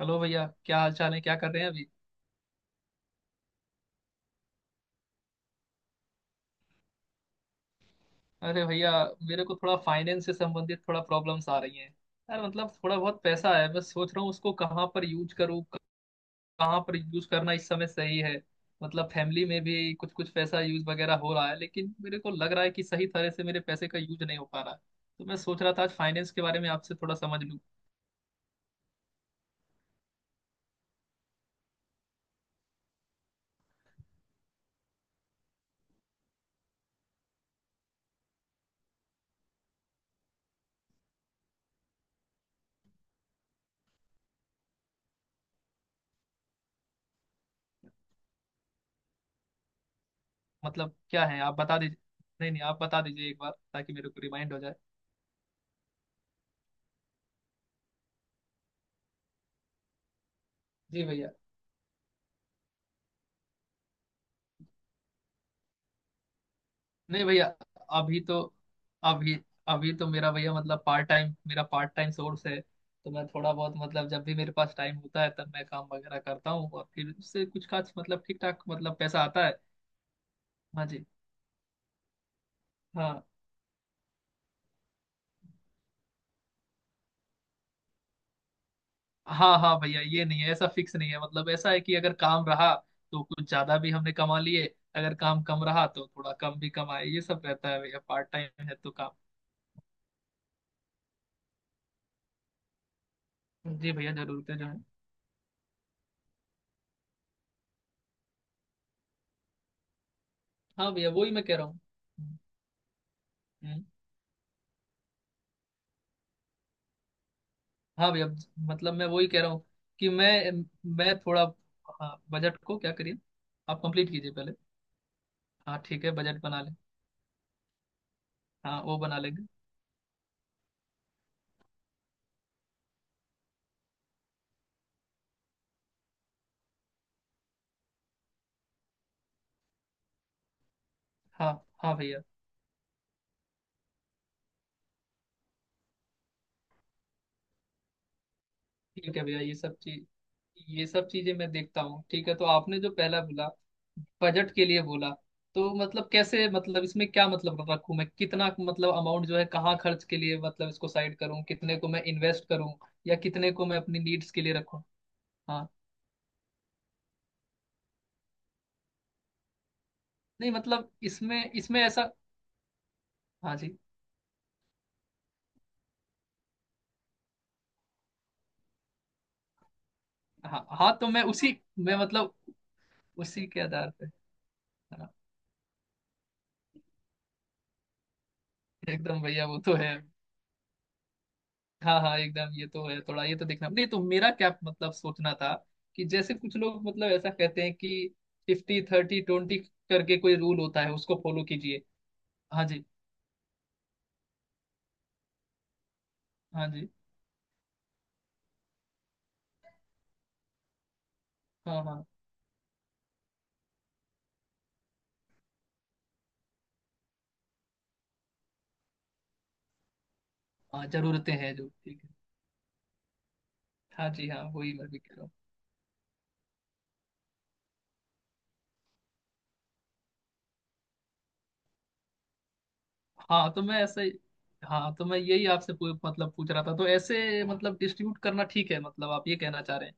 Hello भैया। क्या हाल चाल है? क्या कर रहे हैं अभी? अरे भैया, मेरे को थोड़ा फाइनेंस से संबंधित थोड़ा प्रॉब्लम्स आ रही हैं। यार, मतलब थोड़ा बहुत पैसा है, मैं सोच रहा हूँ उसको कहाँ पर यूज करूँ। कहाँ पर यूज करना इस समय सही है। मतलब फैमिली में भी कुछ कुछ पैसा यूज वगैरह हो रहा है, लेकिन मेरे को लग रहा है कि सही तरह से मेरे पैसे का यूज नहीं हो पा रहा है। तो मैं सोच रहा था आज फाइनेंस के बारे में आपसे थोड़ा समझ लूँ। मतलब क्या है? आप बता दीजिए। नहीं नहीं, आप बता दीजिए एक बार ताकि मेरे को रिमाइंड हो जाए। जी भैया। नहीं भैया, अभी तो अभी अभी तो मेरा भैया, मतलब पार्ट टाइम मेरा पार्ट टाइम सोर्स है। तो मैं थोड़ा बहुत, मतलब जब भी मेरे पास टाइम होता है तब मैं काम वगैरह करता हूँ, और फिर उससे कुछ खास, मतलब ठीक ठाक मतलब पैसा आता है। हाँ जी। हाँ। हाँ हाँ भैया, ये नहीं है, ऐसा फिक्स नहीं है। मतलब ऐसा है कि अगर काम रहा तो कुछ ज्यादा भी हमने कमा लिए। अगर काम कम रहा तो थोड़ा कम भी कमाए। ये सब रहता है भैया, पार्ट टाइम है तो काम। जी भैया, जरूरतें जो है। हाँ भैया, वही मैं कह रहा हूँ। हम्म। हम्म। हाँ भैया। मतलब मैं वही कह रहा हूँ। कि मैं थोड़ा। हाँ, बजट को क्या करिए? आप कंप्लीट कीजिए पहले। हाँ ठीक है, बजट बना लें। हाँ वो बना लेंगे। हाँ हाँ भैया। ठीक है भैया, ये सब चीजें मैं देखता हूँ। ठीक है, तो आपने जो पहला बोला, बजट के लिए बोला। तो मतलब कैसे, मतलब इसमें क्या मतलब रखूं, मैं कितना मतलब अमाउंट जो है कहाँ खर्च के लिए मतलब इसको साइड करूँ, कितने को मैं इन्वेस्ट करूँ, या कितने को मैं अपनी नीड्स के लिए रखूँ। हाँ। नहीं मतलब इसमें इसमें ऐसा। हाँ जी। हाँ हाँ, तो मैं उसी, मैं मतलब उसी के आधार पे। हाँ एकदम भैया, वो तो है। हाँ हाँ एकदम, ये तो है, थोड़ा ये तो देखना, नहीं तो मेरा क्या मतलब सोचना था। कि जैसे कुछ लोग मतलब ऐसा कहते हैं कि 50/30/20 करके कोई रूल होता है, उसको फॉलो कीजिए। हाँ जी। हाँ जी। हाँ हाँ। हाँ, जरूरतें हैं जो, ठीक है। हाँ जी हाँ, वही मैं भी कह रहा हूँ। हाँ तो मैं ऐसे ही। हाँ तो मैं यही आपसे मतलब पूछ रहा था, तो ऐसे मतलब डिस्ट्रीब्यूट करना ठीक है, मतलब आप ये कहना चाह रहे हैं?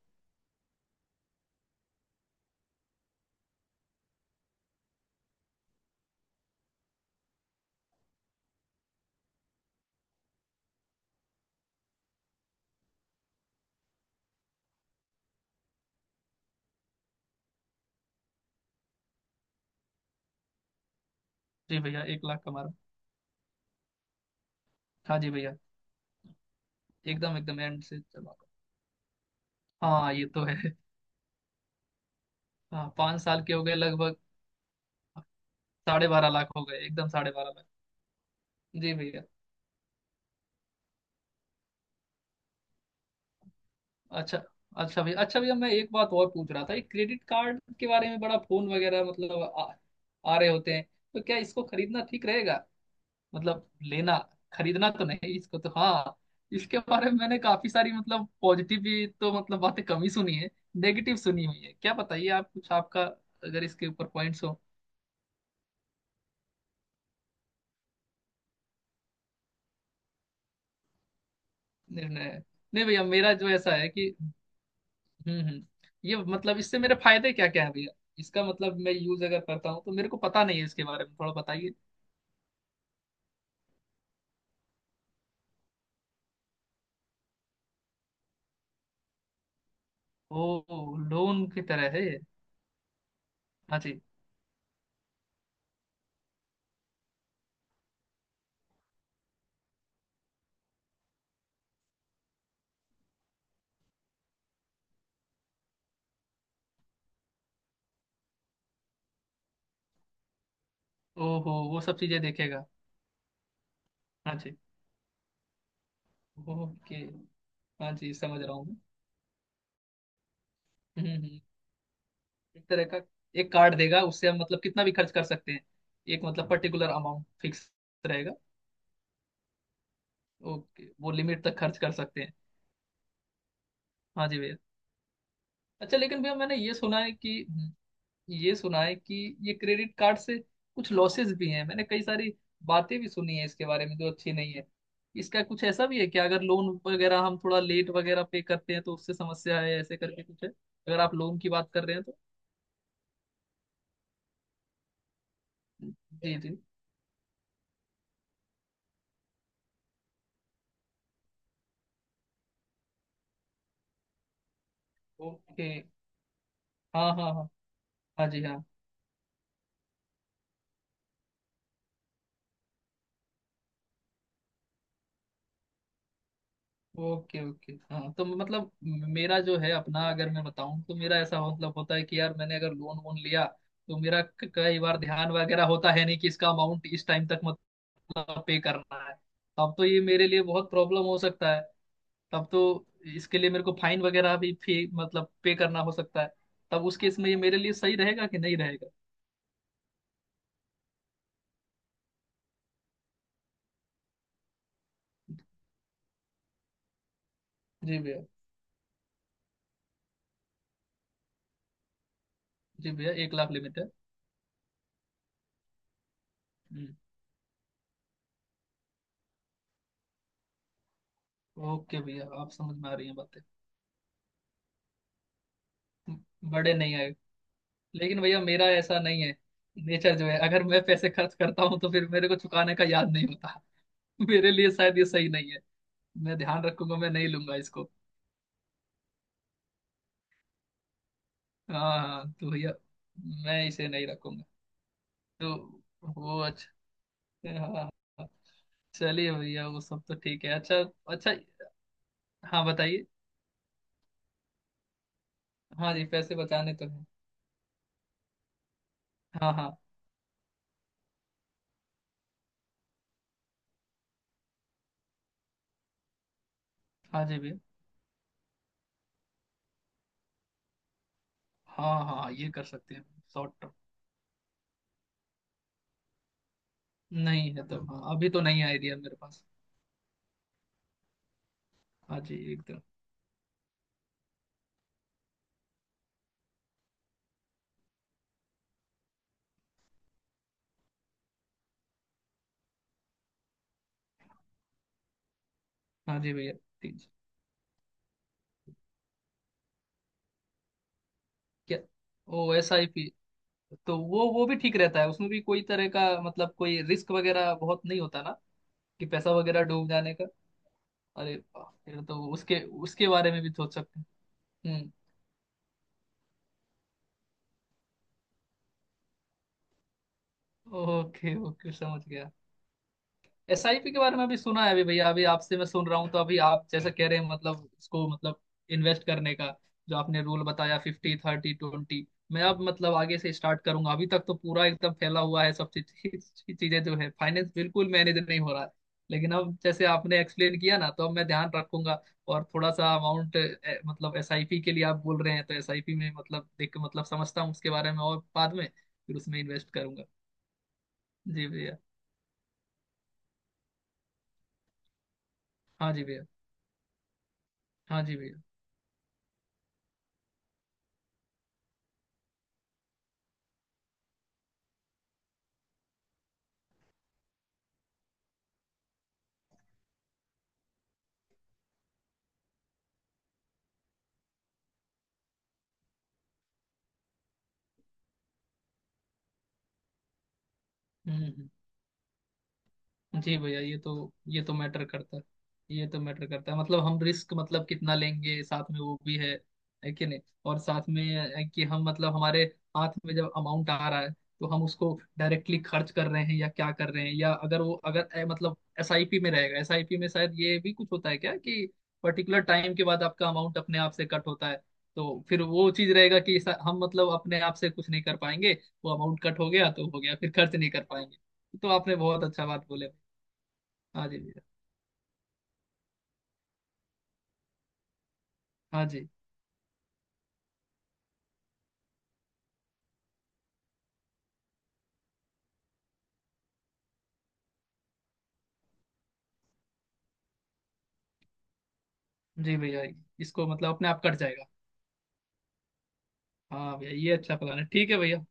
जी भैया, 1 लाख का मारा। हाँ जी भैया। एकदम एकदम एंड से चला था। हाँ ये तो है। हाँ, 5 साल के हो गए लगभग। 12.5 लाख हो गए, एकदम 12.5 लाख। जी भैया। अच्छा। अच्छा भैया, अच्छा भैया, मैं एक बात और पूछ रहा था, ये क्रेडिट कार्ड के बारे में बड़ा फोन वगैरह मतलब आ रहे होते हैं। तो क्या इसको खरीदना ठीक रहेगा? मतलब लेना। खरीदना तो नहीं, इसको तो हाँ। इसके बारे में मैंने काफी सारी मतलब पॉजिटिव भी तो मतलब बातें कम ही सुनी है। नेगेटिव सुनी हुई है। क्या बताइए, आप कुछ आपका, अगर इसके ऊपर पॉइंट्स हो। नहीं नहीं। नहीं भैया, मेरा जो ऐसा है कि, हम्म। ये मतलब इससे मेरे फायदे क्या क्या है भैया? इसका मतलब मैं यूज अगर करता हूँ तो मेरे को पता नहीं है, इसके बारे में थोड़ा बताइए। ओ, लोन की तरह है ये? हाँ जी। ओहो, वो सब चीजें देखेगा। हाँ जी। ओके। हाँ जी, समझ रहा हूँ मैं। हम्म। एक तरह का, एक कार्ड देगा, उससे हम मतलब कितना भी खर्च कर सकते हैं। एक मतलब पर्टिकुलर अमाउंट फिक्स रहेगा। ओके, वो लिमिट तक खर्च कर सकते हैं। हाँ जी भैया। अच्छा लेकिन भैया, मैंने ये सुना है कि ये सुना है कि ये क्रेडिट कार्ड से कुछ लॉसेस भी हैं, मैंने कई सारी बातें भी सुनी है इसके बारे में जो अच्छी नहीं है। इसका कुछ ऐसा भी है कि अगर लोन वगैरह हम थोड़ा लेट वगैरह पे करते हैं तो उससे समस्या है, ऐसे करके कुछ है अगर आप लोन की बात कर रहे हैं तो। जी जी। ओके। हाँ हाँ हाँ। हाँ जी हाँ। ओके ओके, हाँ तो मतलब मेरा जो है अपना, अगर मैं बताऊं तो मेरा ऐसा मतलब होता है कि यार, मैंने अगर लोन वोन लिया, तो मेरा कई बार ध्यान वगैरह होता है नहीं कि इसका अमाउंट इस टाइम तक पे करना है। तब तो ये मेरे लिए बहुत प्रॉब्लम हो सकता है। तब तो इसके लिए मेरे को फाइन वगैरह भी फी मतलब पे करना हो सकता है। तब उस केस में ये मेरे लिए सही रहेगा कि नहीं रहेगा? जी भैया। जी भैया, एक लाख लिमिट है। हम्म। ओके भैया, आप समझ में आ रही हैं बातें। बड़े नहीं आए। लेकिन भैया मेरा ऐसा नहीं है। नेचर जो है, अगर मैं पैसे खर्च करता हूँ तो फिर मेरे को चुकाने का याद नहीं होता। मेरे लिए शायद ये सही नहीं है। मैं ध्यान रखूंगा, मैं नहीं लूंगा इसको। हाँ हाँ तो भैया, मैं इसे नहीं रखूंगा। तो वो अच्छा। हाँ हाँ। हाँ। चलिए भैया, वो सब तो ठीक है, अच्छा। अच्छा, हाँ बताइए। हाँ जी, पैसे बचाने तो हैं। हाँ हाँ। हाँ जी भैया। हाँ हाँ, ये कर सकते हैं। शॉर्ट टर्म, नहीं है तो हाँ, अभी तो नहीं आइडिया मेरे पास। हाँ जी एकदम। हाँ जी भैया। ठीक जी। क्या? ओ, SIP? तो वो भी ठीक रहता है, उसमें भी कोई तरह का मतलब कोई रिस्क वगैरह बहुत नहीं होता ना? कि पैसा वगैरह डूब जाने का? अरे वाह, फिर तो उसके उसके बारे में भी सोच सकते हैं। हम्म। ओके ओके, समझ गया। SIP के बारे में अभी सुना है, अभी भैया, अभी आपसे मैं सुन रहा हूँ, तो अभी आप जैसे कह रहे हैं मतलब इसको, मतलब इन्वेस्ट करने का जो आपने रूल बताया, 50/30/20। मैं अब मतलब आगे से स्टार्ट करूंगा, अभी तक तो पूरा एकदम फैला हुआ है, सब चीज, चीजें जो है फाइनेंस बिल्कुल मैनेज नहीं हो रहा है। लेकिन अब जैसे आपने एक्सप्लेन किया ना, तो अब मैं ध्यान रखूंगा। और थोड़ा सा अमाउंट, मतलब SIP के लिए आप बोल रहे हैं, तो SIP में मतलब देख मतलब समझता हूँ उसके बारे में, और बाद में फिर उसमें इन्वेस्ट करूंगा। जी भैया। हाँ जी भैया। हाँ जी भैया। हम्म हम्म। जी भैया, ये तो मैटर करता है। ये तो मैटर करता है, मतलब हम रिस्क मतलब कितना लेंगे साथ में, वो भी है कि नहीं। और साथ में, है कि हम मतलब हमारे हाथ में जब अमाउंट आ रहा है तो हम उसको डायरेक्टली खर्च कर रहे हैं या क्या कर रहे हैं, या अगर मतलब SIP में रहेगा, SIP में शायद ये भी कुछ होता है क्या कि पर्टिकुलर टाइम के बाद आपका अमाउंट अपने आप से कट होता है। तो फिर वो चीज रहेगा कि हम मतलब अपने आप से कुछ नहीं कर पाएंगे। वो अमाउंट कट हो गया तो हो गया, फिर खर्च नहीं कर पाएंगे। तो आपने बहुत अच्छा बात बोले। हाँ जी भैया। हाँ जी। जी भैया, इसको मतलब अपने आप कट जाएगा। हाँ भैया, ये अच्छा प्लान है, ठीक है भैया।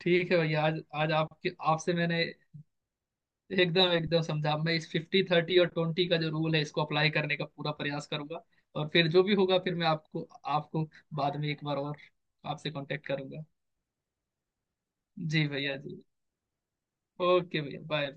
ठीक है भैया, आज आज आपके आपसे मैंने एकदम एकदम समझा। मैं इस 50/30 और 20 का जो रूल है, इसको अप्लाई करने का पूरा प्रयास करूंगा। और फिर जो भी होगा, फिर मैं आपको आपको बाद में एक बार और आपसे कांटेक्ट करूंगा। जी भैया जी। ओके भैया, बाय।